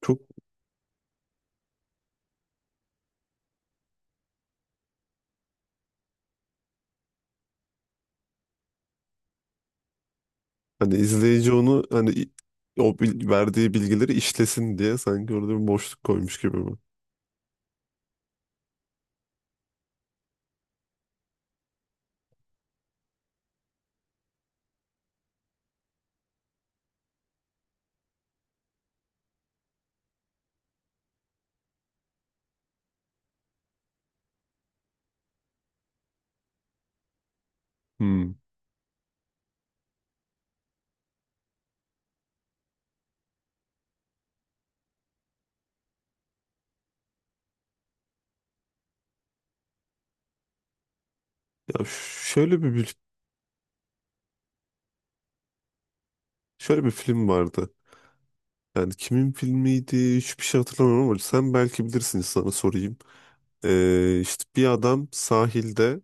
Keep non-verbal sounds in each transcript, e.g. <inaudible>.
Çok hani izleyici onu hani o bil- verdiği bilgileri işlesin diye sanki orada bir boşluk koymuş gibi mi? Hmm. Ya şöyle bir bil- şöyle bir film vardı. Yani kimin filmiydi? Hiçbir şey hatırlamıyorum ama sen belki bilirsin sana sorayım. İşte bir adam sahilde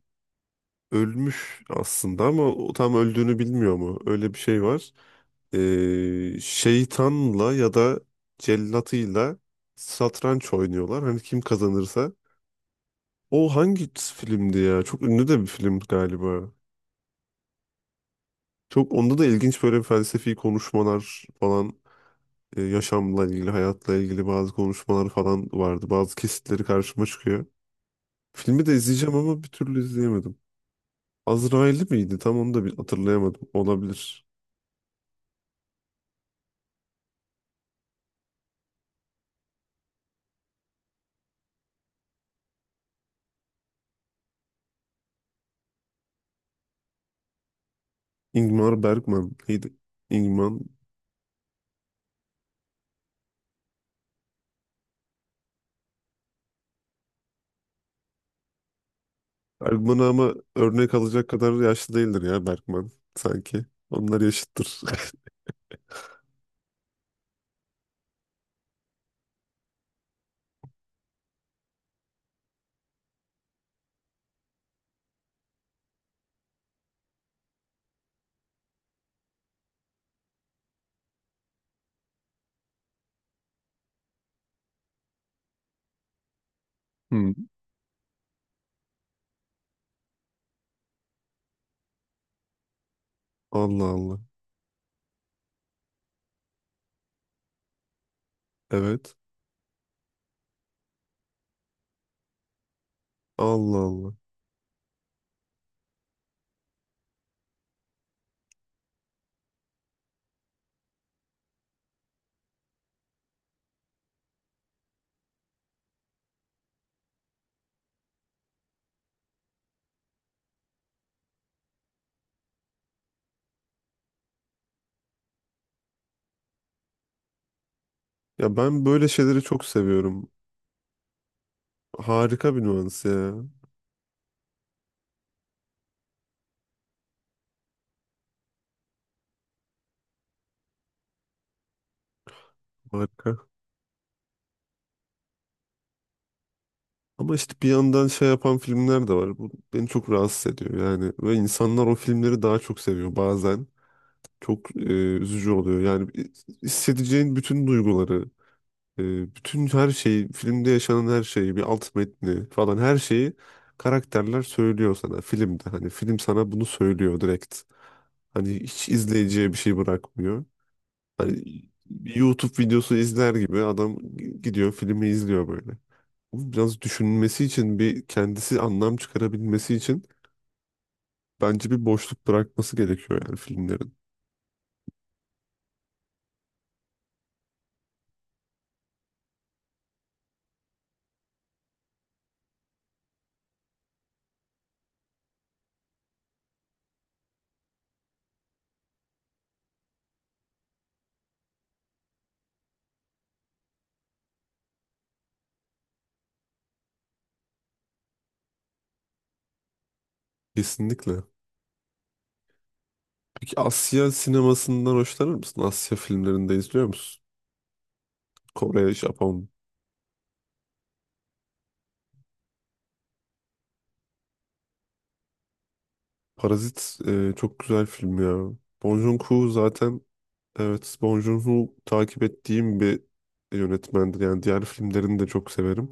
ölmüş aslında ama o tam öldüğünü bilmiyor mu? Öyle bir şey var. Şeytanla ya da cellatıyla satranç oynuyorlar. Hani kim kazanırsa. O hangi filmdi ya? Çok ünlü de bir film galiba. Çok onda da ilginç böyle felsefi konuşmalar falan, yaşamla ilgili, hayatla ilgili bazı konuşmalar falan vardı. Bazı kesitleri karşıma çıkıyor. Filmi de izleyeceğim ama bir türlü izleyemedim. Azrail'i miydi? Tam onu da bir hatırlayamadım. Olabilir. Ingmar Bergman neydi? Ingmar Bergman ama örnek alacak kadar yaşlı değildir ya Bergman sanki. Onlar yaşıttır. <laughs> Hmm. Allah Allah. Evet. Allah Allah. Ya ben böyle şeyleri çok seviyorum. Harika bir nüans ya. Harika. Ama işte bir yandan şey yapan filmler de var. Bu beni çok rahatsız ediyor yani. Ve insanlar o filmleri daha çok seviyor bazen. Çok üzücü oluyor. Yani hissedeceğin bütün duyguları, bütün her şeyi, filmde yaşanan her şeyi, bir alt metni falan her şeyi karakterler söylüyor sana filmde. Hani film sana bunu söylüyor direkt. Hani hiç izleyiciye bir şey bırakmıyor. Hani YouTube videosu izler gibi adam gidiyor filmi izliyor böyle. Biraz düşünmesi için bir kendisi anlam çıkarabilmesi için bence bir boşluk bırakması gerekiyor yani filmlerin. Kesinlikle. Peki Asya sinemasından hoşlanır mısın? Asya filmlerinde izliyor musun? Kore, Japon. Parazit çok güzel film ya. Bong Joon-ho zaten, evet, Bong Joon-ho takip ettiğim bir yönetmendir. Yani diğer filmlerini de çok severim.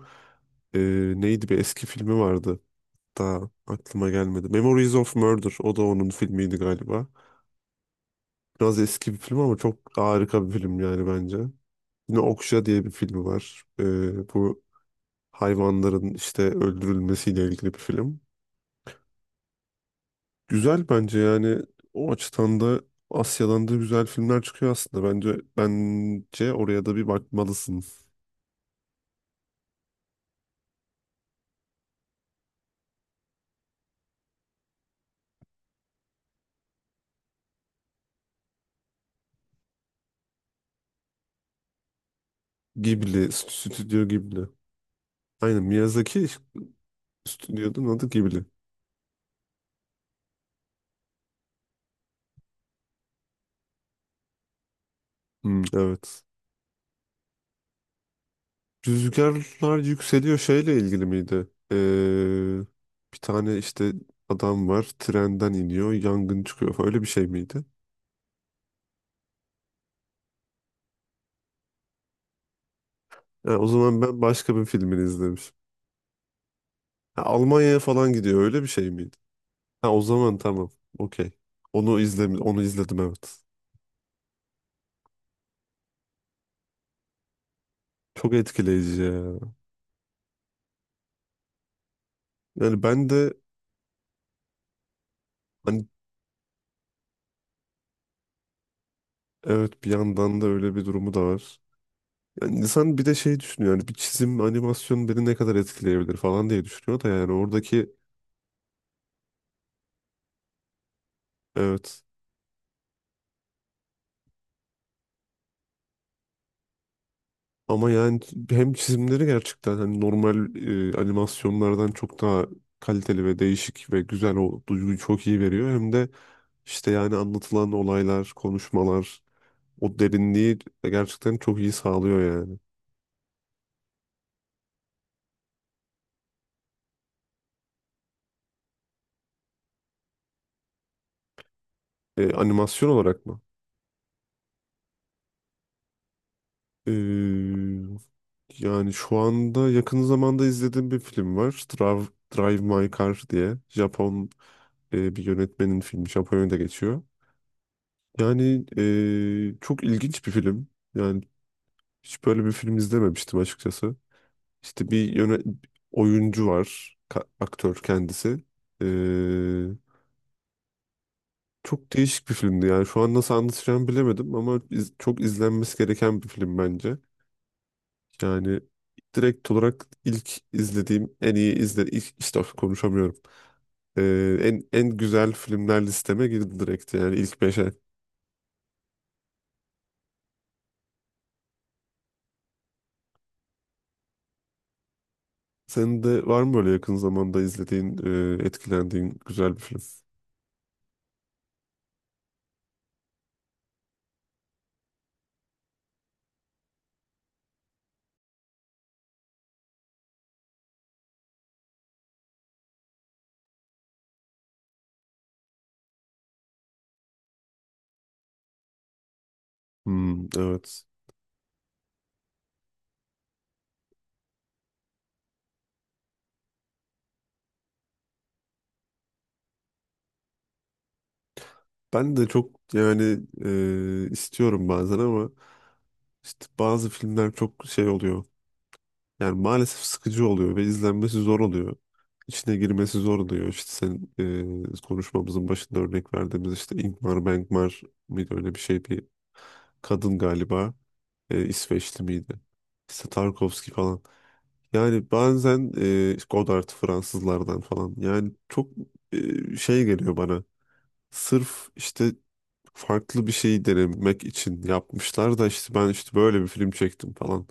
E, Neydi bir eski filmi vardı. Daha aklıma gelmedi. Memories of Murder. O da onun filmiydi galiba. Biraz eski bir film ama çok harika bir film yani bence. Yine Okja diye bir filmi var. Bu hayvanların işte öldürülmesiyle ilgili bir film. Güzel bence yani o açıdan da Asya'dan da güzel filmler çıkıyor aslında. Bence bence oraya da bir bakmalısın. Ghibli, Stüdyo Ghibli. Aynen Miyazaki stüdyonun adı Ghibli. Hmm, evet. Rüzgarlar yükseliyor şeyle ilgili miydi? Bir tane işte adam var trenden iniyor yangın çıkıyor falan. Öyle bir şey miydi? Ha, o zaman ben başka bir filmini izlemişim. Ha, Almanya'ya falan gidiyor öyle bir şey miydi? Ha, o zaman tamam, okey. Onu izledim, onu izledim, evet. Çok etkileyici ya. Yani ben de, hani, evet, bir yandan da öyle bir durumu da var. Yani insan bir de şey düşünüyor yani bir çizim animasyon beni ne kadar etkileyebilir falan diye düşünüyor da yani oradaki evet. Ama yani hem çizimleri gerçekten hani normal animasyonlardan çok daha kaliteli ve değişik ve güzel o duyguyu çok iyi veriyor. Hem de işte yani anlatılan olaylar, konuşmalar o derinliği gerçekten çok iyi sağlıyor yani. Animasyon olarak mı? E, Yani şu anda yakın zamanda izlediğim bir film var. Drive My Car diye. Japon, bir yönetmenin filmi. Japonya'da geçiyor. Yani, çok ilginç bir film. Yani hiç böyle bir film izlememiştim açıkçası. İşte bir oyuncu var, aktör kendisi. Ee, Çok değişik bir filmdi yani. Şu an nasıl anlatacağımı bilemedim ama çok izlenmesi gereken bir film bence. Yani direkt olarak ilk izlediğim en iyi izle ilk işte <laughs> of, konuşamıyorum. En güzel filmler listeme girdi direkt yani ilk beşe. Senin de var mı böyle yakın zamanda izlediğin, etkilendiğin güzel bir film? Hmm, evet. Ben de çok yani, istiyorum bazen ama işte bazı filmler çok şey oluyor. Yani maalesef sıkıcı oluyor ve izlenmesi zor oluyor. İçine girmesi zor oluyor. İşte sen, konuşmamızın başında örnek verdiğimiz işte Ingmar Bergman mıydı öyle bir şey, bir kadın galiba. İsveçli miydi? İşte Tarkovski falan. Yani bazen, Godard Fransızlardan falan. Yani çok, şey geliyor bana. Sırf işte farklı bir şeyi denemek için yapmışlar da işte ben işte böyle bir film çektim falan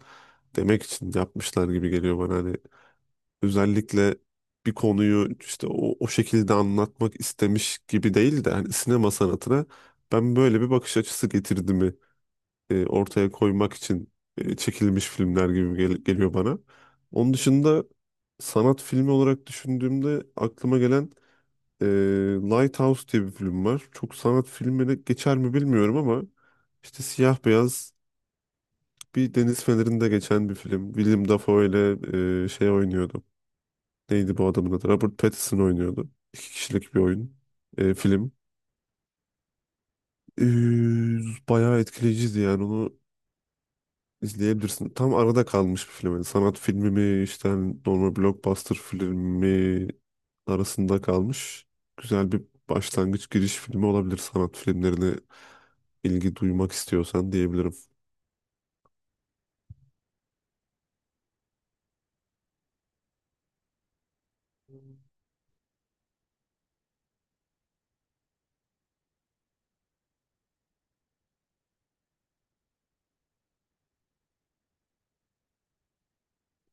demek için yapmışlar gibi geliyor bana. Hani özellikle bir konuyu işte o şekilde anlatmak istemiş gibi değil de hani sinema sanatına ben böyle bir bakış açısı getirdiğimi, ortaya koymak için çekilmiş filmler gibi geliyor bana. Onun dışında sanat filmi olarak düşündüğümde aklıma gelen, ee, Lighthouse diye bir film var. Çok sanat filmine geçer mi bilmiyorum ama işte siyah beyaz bir deniz fenerinde geçen bir film. William Dafoe ile, şey oynuyordu. Neydi bu adamın adı? Robert Pattinson oynuyordu. İki kişilik bir oyun. Film. Ee, Bayağı etkileyiciydi yani onu izleyebilirsin. Tam arada kalmış bir film. Yani sanat filmi mi işte hani normal blockbuster filmi arasında kalmış. Güzel bir başlangıç giriş filmi olabilir sanat filmlerine ilgi duymak istiyorsan diyebilirim.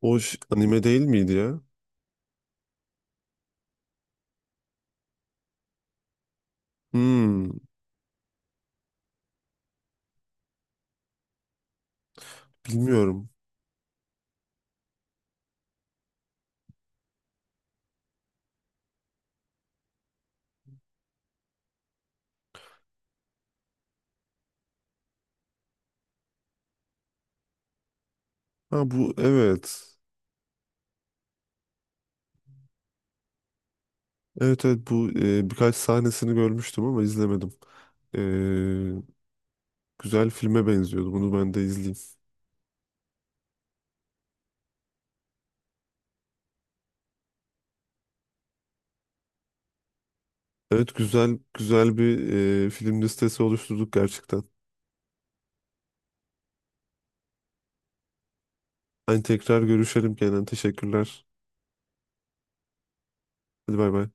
O anime değil miydi ya? Hmm, bilmiyorum. Ha bu, evet. Evet, evet, bu, birkaç sahnesini görmüştüm ama izlemedim. E, Güzel filme benziyordu. Bunu ben de izleyeyim. Evet, güzel bir, film listesi oluşturduk gerçekten. Hani tekrar görüşelim Kenan. Teşekkürler. Hadi bay bay.